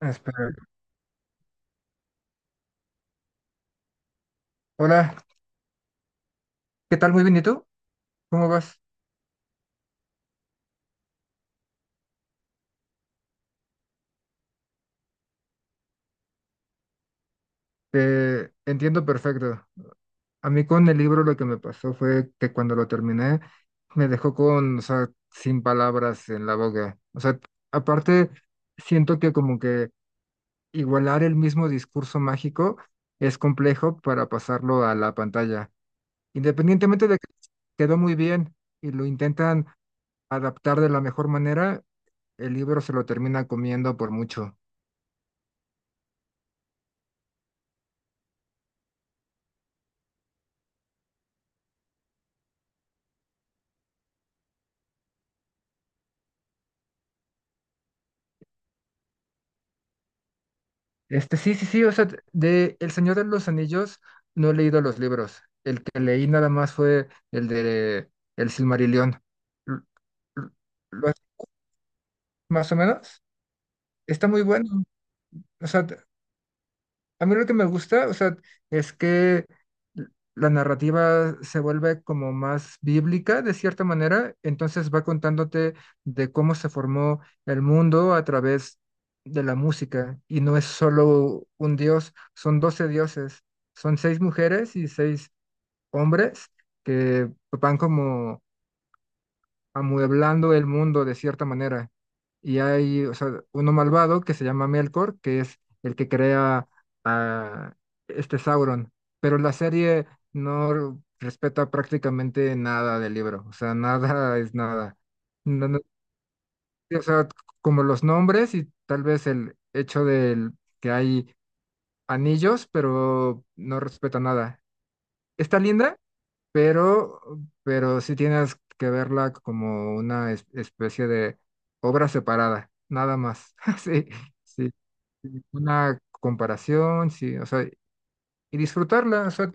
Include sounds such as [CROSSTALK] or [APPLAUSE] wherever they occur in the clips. Espera. Hola, ¿qué tal? Muy bien, ¿y tú? ¿Cómo vas? Te entiendo perfecto. A mí con el libro lo que me pasó fue que cuando lo terminé me dejó con, o sea, sin palabras en la boca. O sea, aparte siento que como que igualar el mismo discurso mágico es complejo para pasarlo a la pantalla. Independientemente de que quedó muy bien y lo intentan adaptar de la mejor manera, el libro se lo termina comiendo por mucho. Este, sí, sí, sí, o sea, de El Señor de los Anillos no he leído los libros. El que leí nada más fue el de El Silmarillion. L- l- ¿Lo has- más o menos? Está muy bueno. O sea, a mí lo que me gusta, o sea, es que la narrativa se vuelve como más bíblica de cierta manera, entonces va contándote de cómo se formó el mundo a través de la música y no es solo un dios, son 12 dioses, son seis mujeres y seis hombres que van como amueblando el mundo de cierta manera. Y hay, o sea, uno malvado que se llama Melkor, que es el que crea a este Sauron. Pero la serie no respeta prácticamente nada del libro, o sea, nada [LAUGHS] es nada. No- no- o sea, como los nombres y tal vez el hecho del que hay anillos, pero no respeta nada. Está linda, pero, pero sí tienes que verla como una especie de obra separada, nada más. [LAUGHS] Sí, sí, sí, una comparación, sí, o sea, y disfrutarla. O sea,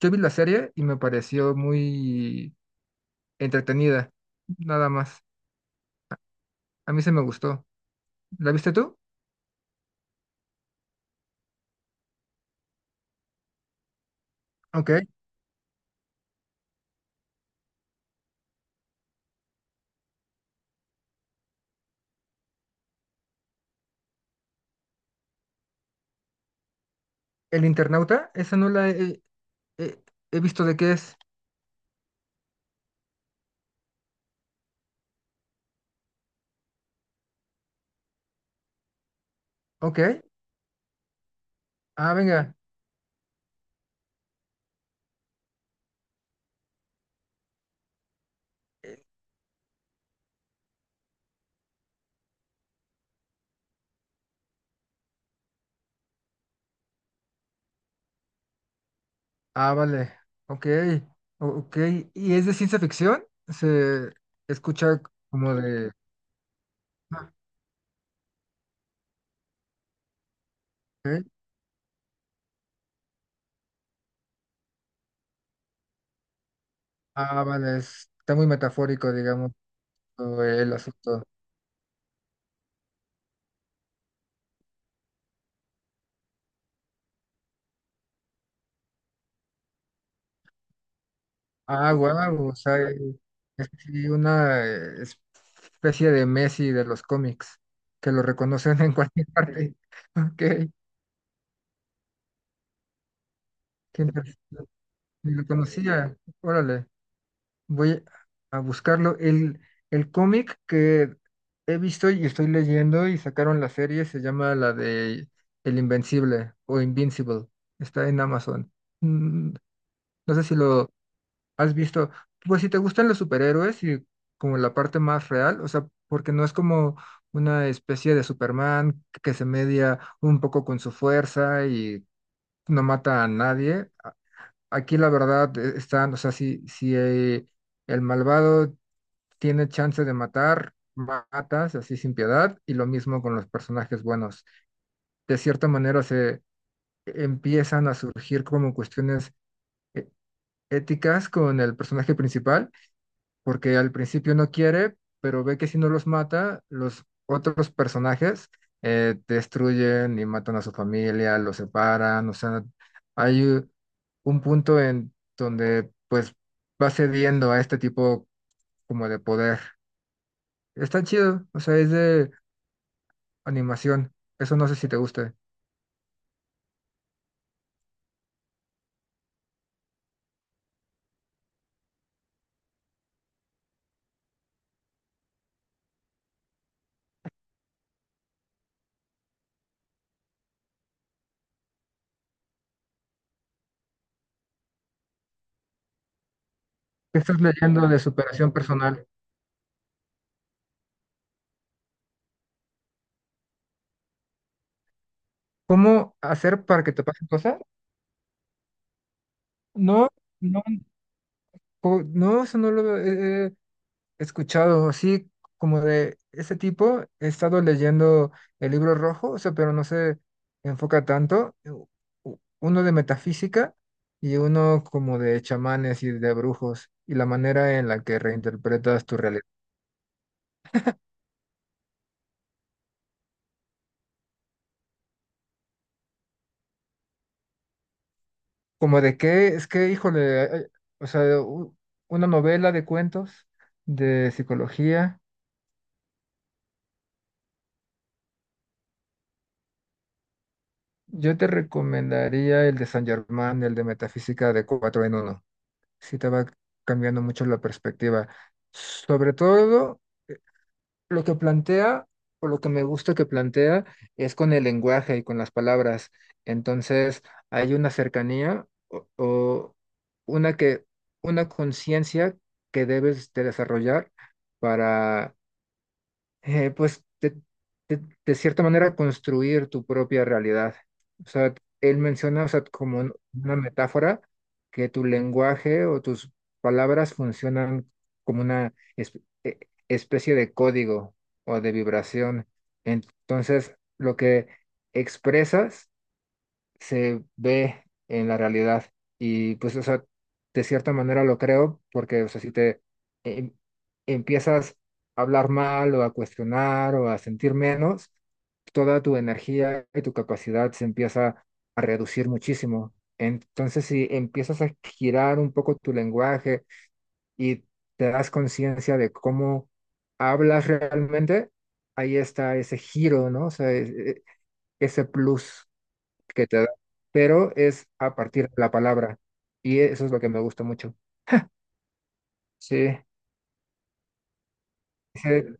yo vi la serie y me pareció muy entretenida, nada más. A mí se me gustó. ¿La viste tú? Ok. ¿El internauta? Esa no la he- he visto de qué es. Ok. Ah, venga. eh, Ah, vale. Ok. Ok. ¿Y es de ciencia ficción? Se escucha como de... Ah, ok. Ah, vale. Está muy metafórico, digamos, todo el asunto. Ah, guau. O sea, es sí una especie de Messi de los cómics, que lo reconocen [LAUGHS] en cualquier parte. [LAUGHS] Ok. Qué interesante. Ni lo conocía. Órale. Voy a buscarlo. El cómic que he visto y estoy leyendo y sacaron la serie se llama la de El Invencible o Invincible. Está en Amazon. Mm, no sé si lo has visto. Pues si te gustan los superhéroes y como la parte más real, o sea, porque no es como una especie de Superman que se media un poco con su fuerza y no mata a nadie. Aquí la verdad están, o sea, si hay... El malvado tiene chance de matar, matas así sin piedad, y lo mismo con los personajes buenos. De cierta manera se empiezan a surgir como cuestiones e- éticas con el personaje principal, porque al principio no quiere, pero ve que si no los mata, los otros personajes destruyen y matan a su familia, los separan, o sea, hay un punto en donde pues va cediendo a este tipo como de poder. Está chido, o sea, es de animación. Eso no sé si te gusta. ¿Qué estás leyendo de superación personal? ¿Cómo hacer para que te pasen cosas? No, no, no, eso no lo he escuchado. Así como de ese tipo, he estado leyendo el libro rojo, o sea, pero no se enfoca tanto. Uno de metafísica y uno como de chamanes y de brujos y la manera en la que reinterpretas tu realidad. Como de qué, es que, híjole, o sea, una novela de cuentos de psicología. Yo te recomendaría el de San Germán, el de Metafísica de cuatro en uno. Sí te va cambiando mucho la perspectiva. Sobre todo. Lo que plantea, o lo que me gusta que plantea, es con el lenguaje y con las palabras. Entonces, hay una cercanía o una que, una conciencia que debes de desarrollar para pues de, de cierta manera construir tu propia realidad. O sea, él menciona, o sea, como una metáfora que tu lenguaje o tus palabras funcionan como una especie de código o de vibración. Entonces, lo que expresas se ve en la realidad. Y pues, o sea, de cierta manera lo creo, porque, o sea, si te em- empiezas a hablar mal o a cuestionar o a sentir menos, toda tu energía y tu capacidad se empieza a reducir muchísimo. Entonces, si empiezas a girar un poco tu lenguaje y te das conciencia de cómo hablas realmente, ahí está ese giro, ¿no? O sea, ese plus que te da, pero es a partir de la palabra. Eso es lo que me gusta mucho. Sí, sí,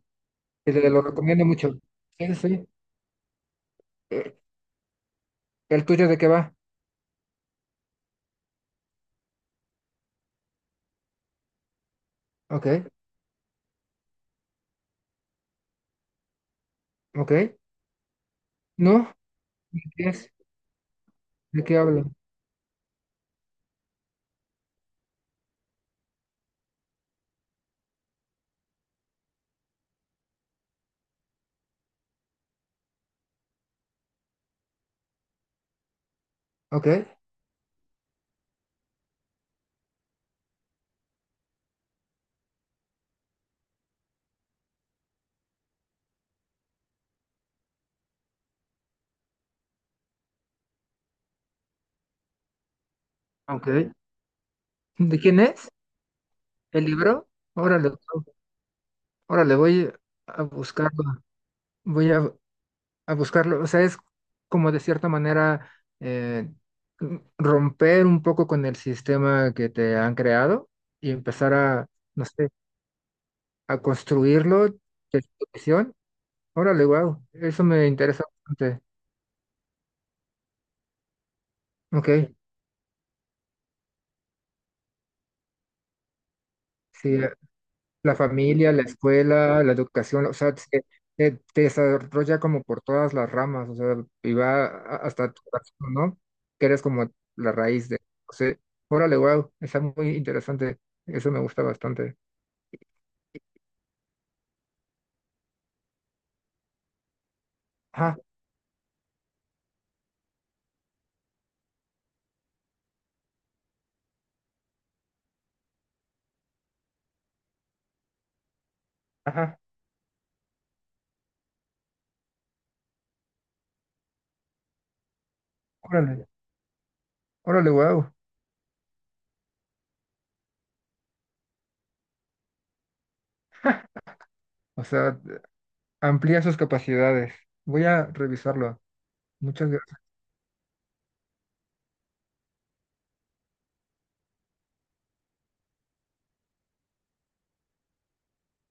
te lo recomiendo mucho. Sí, sí. Eh, ¿el tuyo de qué va? Ok, ok. ¿No? ¿De qué es? ¿De qué hablo? Ok, ok. ¿De quién es? ¿El libro? Órale, órale, voy a buscarlo. Voy a, a buscarlo. O sea, es como de cierta manera eh, romper un poco con el sistema que te han creado y empezar a, no sé, a construirlo de tu visión. Órale, wow, eso me interesa bastante. Ok, sí, la familia, la escuela, la educación, o sea, te desarrolla como por todas las ramas, o sea, y hasta tu corazón, ¿no? Que eres como la raíz de, o sea, órale, wow, está muy interesante, eso me gusta bastante. Ajá, ajá, órale, órale, wow, o sea, amplía sus capacidades. Voy a revisarlo, muchas gracias.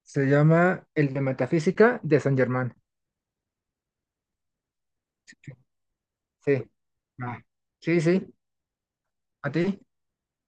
Se llama el de Metafísica de San Germán. Sí, ah, sí, sí, a ti.